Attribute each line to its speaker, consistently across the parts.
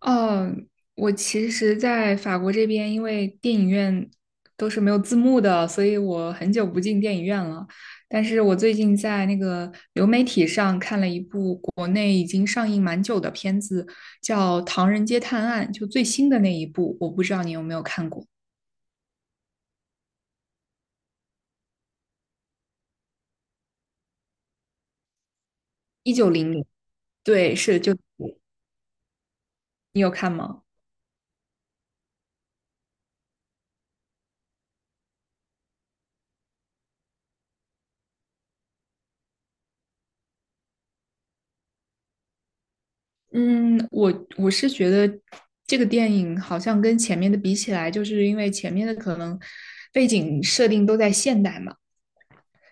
Speaker 1: 哦，我其实，在法国这边，因为电影院都是没有字幕的，所以我很久不进电影院了。但是我最近在那个流媒体上看了一部国内已经上映蛮久的片子，叫《唐人街探案》，就最新的那一部，我不知道你有没有看过，一九零零，对，是就你有看吗？嗯，我我觉得这个电影好像跟前面的比起来，就是因为前面的可能背景设定都在现代嘛，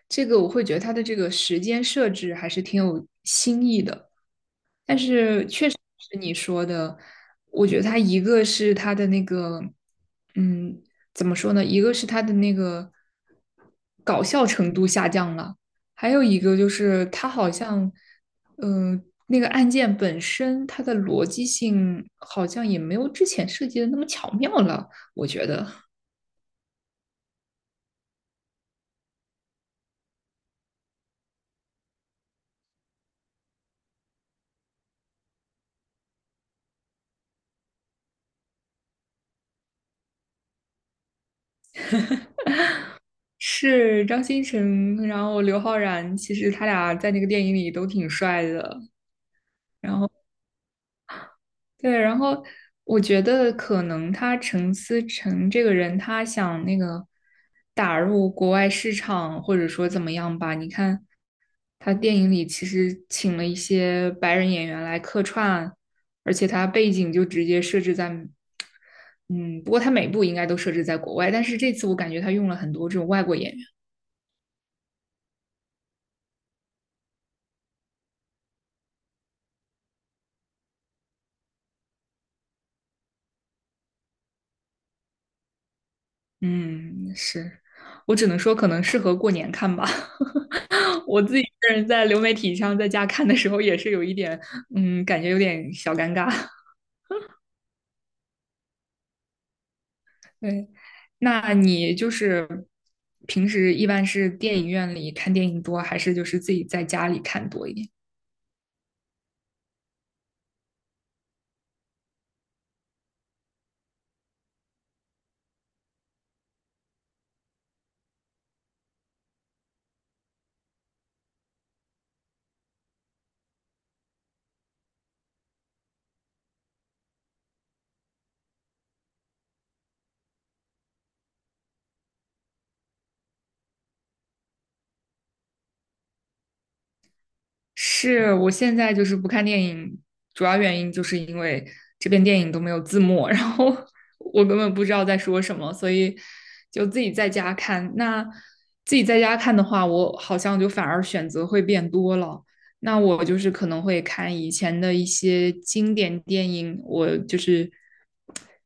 Speaker 1: 这个我会觉得它的这个时间设置还是挺有新意的，但是确实是你说的，我觉得它一个是它的那个，嗯，怎么说呢？一个是它的那个搞笑程度下降了，还有一个就是它好像，那个案件本身它的逻辑性好像也没有之前设计的那么巧妙了，我觉得。是张新成，然后刘昊然，其实他俩在那个电影里都挺帅的。然后对，然后我觉得可能他陈思诚这个人，他想那个打入国外市场，或者说怎么样吧？你看他电影里其实请了一些白人演员来客串，而且他背景就直接设置在，嗯，不过他每部应该都设置在国外，但是这次我感觉他用了很多这种外国演员。嗯，是，我只能说可能适合过年看吧。我自己一个人在流媒体上在家看的时候，也是有一点，感觉有点小尴尬。对，那你就是平时一般是电影院里看电影多，还是就是自己在家里看多一点？是我现在就是不看电影，主要原因就是因为这边电影都没有字幕，然后 我根本不知道在说什么，所以就自己在家看。那自己在家看的话，我好像就反而选择会变多了。那我就是可能会看以前的一些经典电影，我就是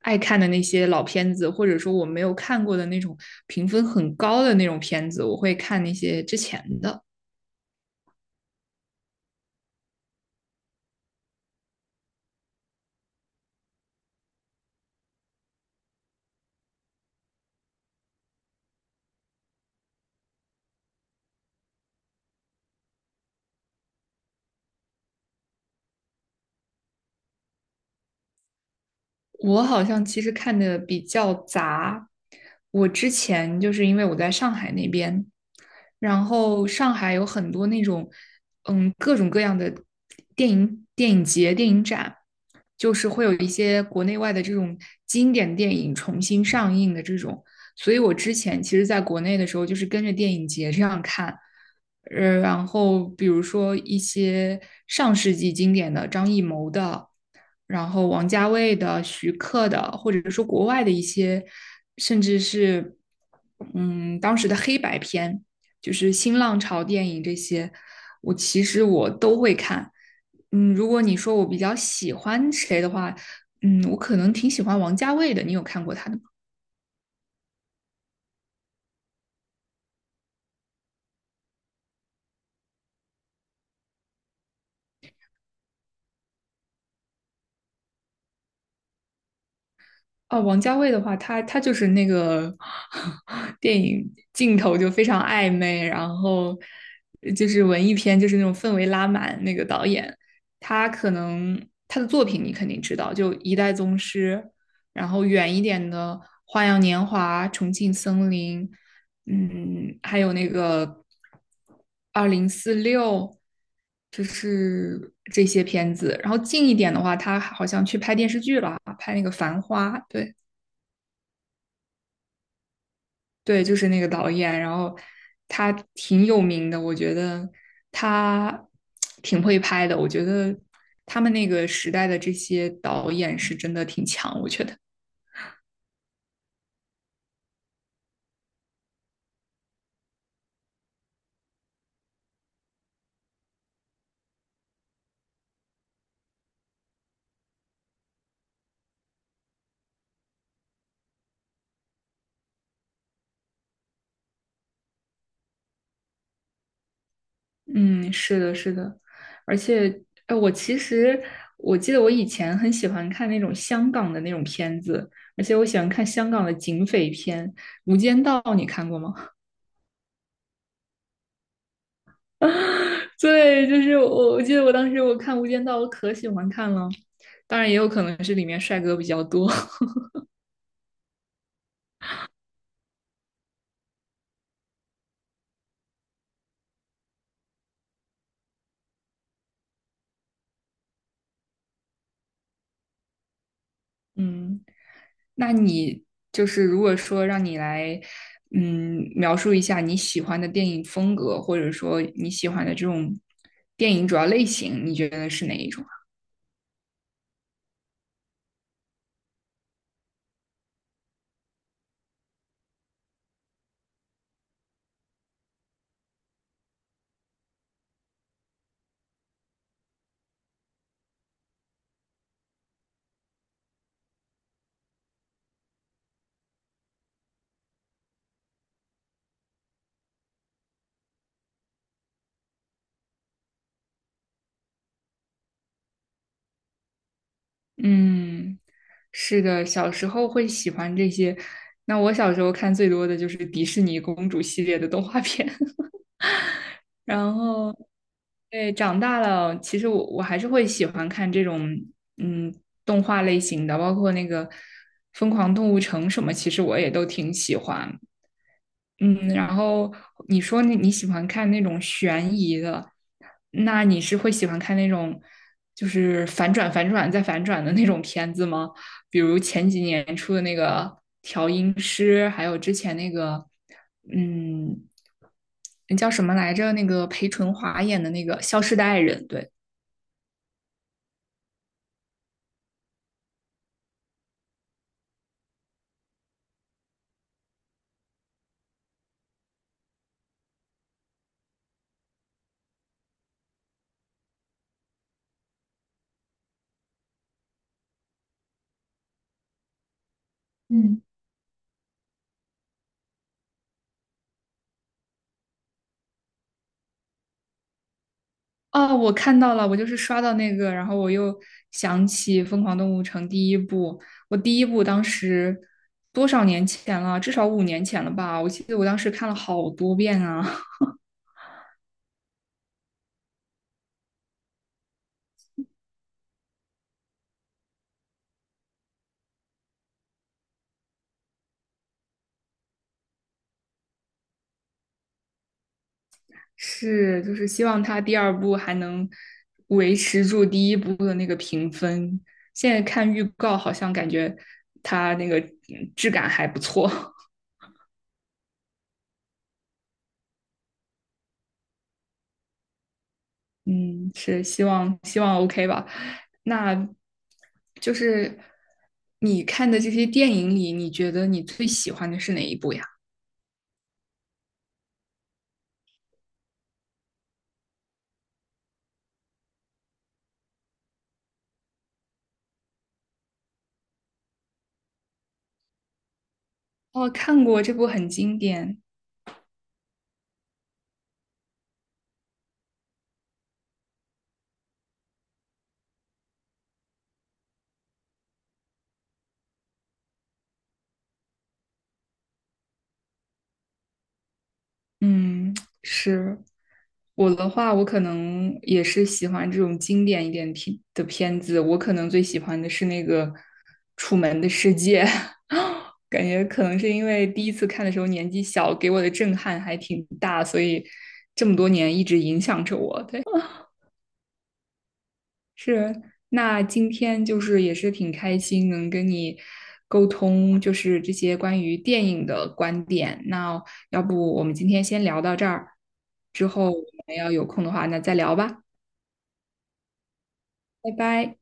Speaker 1: 爱看的那些老片子，或者说我没有看过的那种评分很高的那种片子，我会看那些之前的。我好像其实看的比较杂。我之前就是因为我在上海那边，然后上海有很多那种各种各样的电影节、电影展，就是会有一些国内外的这种经典电影重新上映的这种。所以我之前其实在国内的时候，就是跟着电影节这样看。然后比如说一些上世纪经典的张艺谋的。然后王家卫的、徐克的，或者说国外的一些，甚至是当时的黑白片，就是新浪潮电影这些，我其实我都会看。嗯，如果你说我比较喜欢谁的话，我可能挺喜欢王家卫的。你有看过他的哦，王家卫的话，他就是那个 电影镜头就非常暧昧，然后就是文艺片，就是那种氛围拉满。那个导演，他可能他的作品你肯定知道，就《一代宗师》，然后远一点的《花样年华》《重庆森林》，嗯，还有那个《二零四六》，就是这些片子。然后近一点的话，他好像去拍电视剧了，拍那个《繁花》，对。对，就是那个导演，然后他挺有名的，我觉得他 挺会拍的，我觉得他们那个时代的这些导演是真的挺强，我觉得，嗯，是的，是的，而且，哎，我其实我记得我以前很喜欢看那种香港的那种片子，而且我喜欢看香港的警匪片，《无间道》，你看过吗？啊，对，就是我，我记得我当时我看《无间道》，我可喜欢看了。当然，也有可能是里面帅哥比较多。嗯，那你就是如果说让你来，描述一下你喜欢的电影风格，或者说你喜欢的这种电影主要类型，你觉得是哪一种啊？嗯，是的，小时候会喜欢这些。那我小时候看最多的就是迪士尼公主系列的动画片。然后对，长大了，其实我还是会喜欢看这种嗯动画类型的，包括那个《疯狂动物城》什么，其实我也都挺喜欢。嗯，然后你说你喜欢看那种悬疑的，那你是会喜欢看那种就是反转、反转再反转的那种片子吗？比如前几年出的那个《调音师》，还有之前那个，嗯，那叫什么来着？那个裴淳华演的那个《消失的爱人》，对。嗯。哦，我看到了，我就是刷到那个，然后我又想起《疯狂动物城》第一部。我第一部当时多少年前了？至少五年前了吧？我记得我当时看了好多遍啊。是，就是希望它第二部还能维持住第一部的那个评分。现在看预告，好像感觉它那个质感还不错。嗯，是希望 OK 吧？那就是你看的这些电影里，你觉得你最喜欢的是哪一部呀？哦，看过这部很经典。嗯，是我的话，我可能也是喜欢这种经典一点片的片子。我可能最喜欢的是那个《楚门的世界》，感觉可能是因为第一次看的时候年纪小，给我的震撼还挺大，所以这么多年一直影响着我。对。是，那今天就是也是挺开心能跟你沟通，就是这些关于电影的观点。那要不我们今天先聊到这儿，之后我们要有空的话，那再聊吧，拜拜。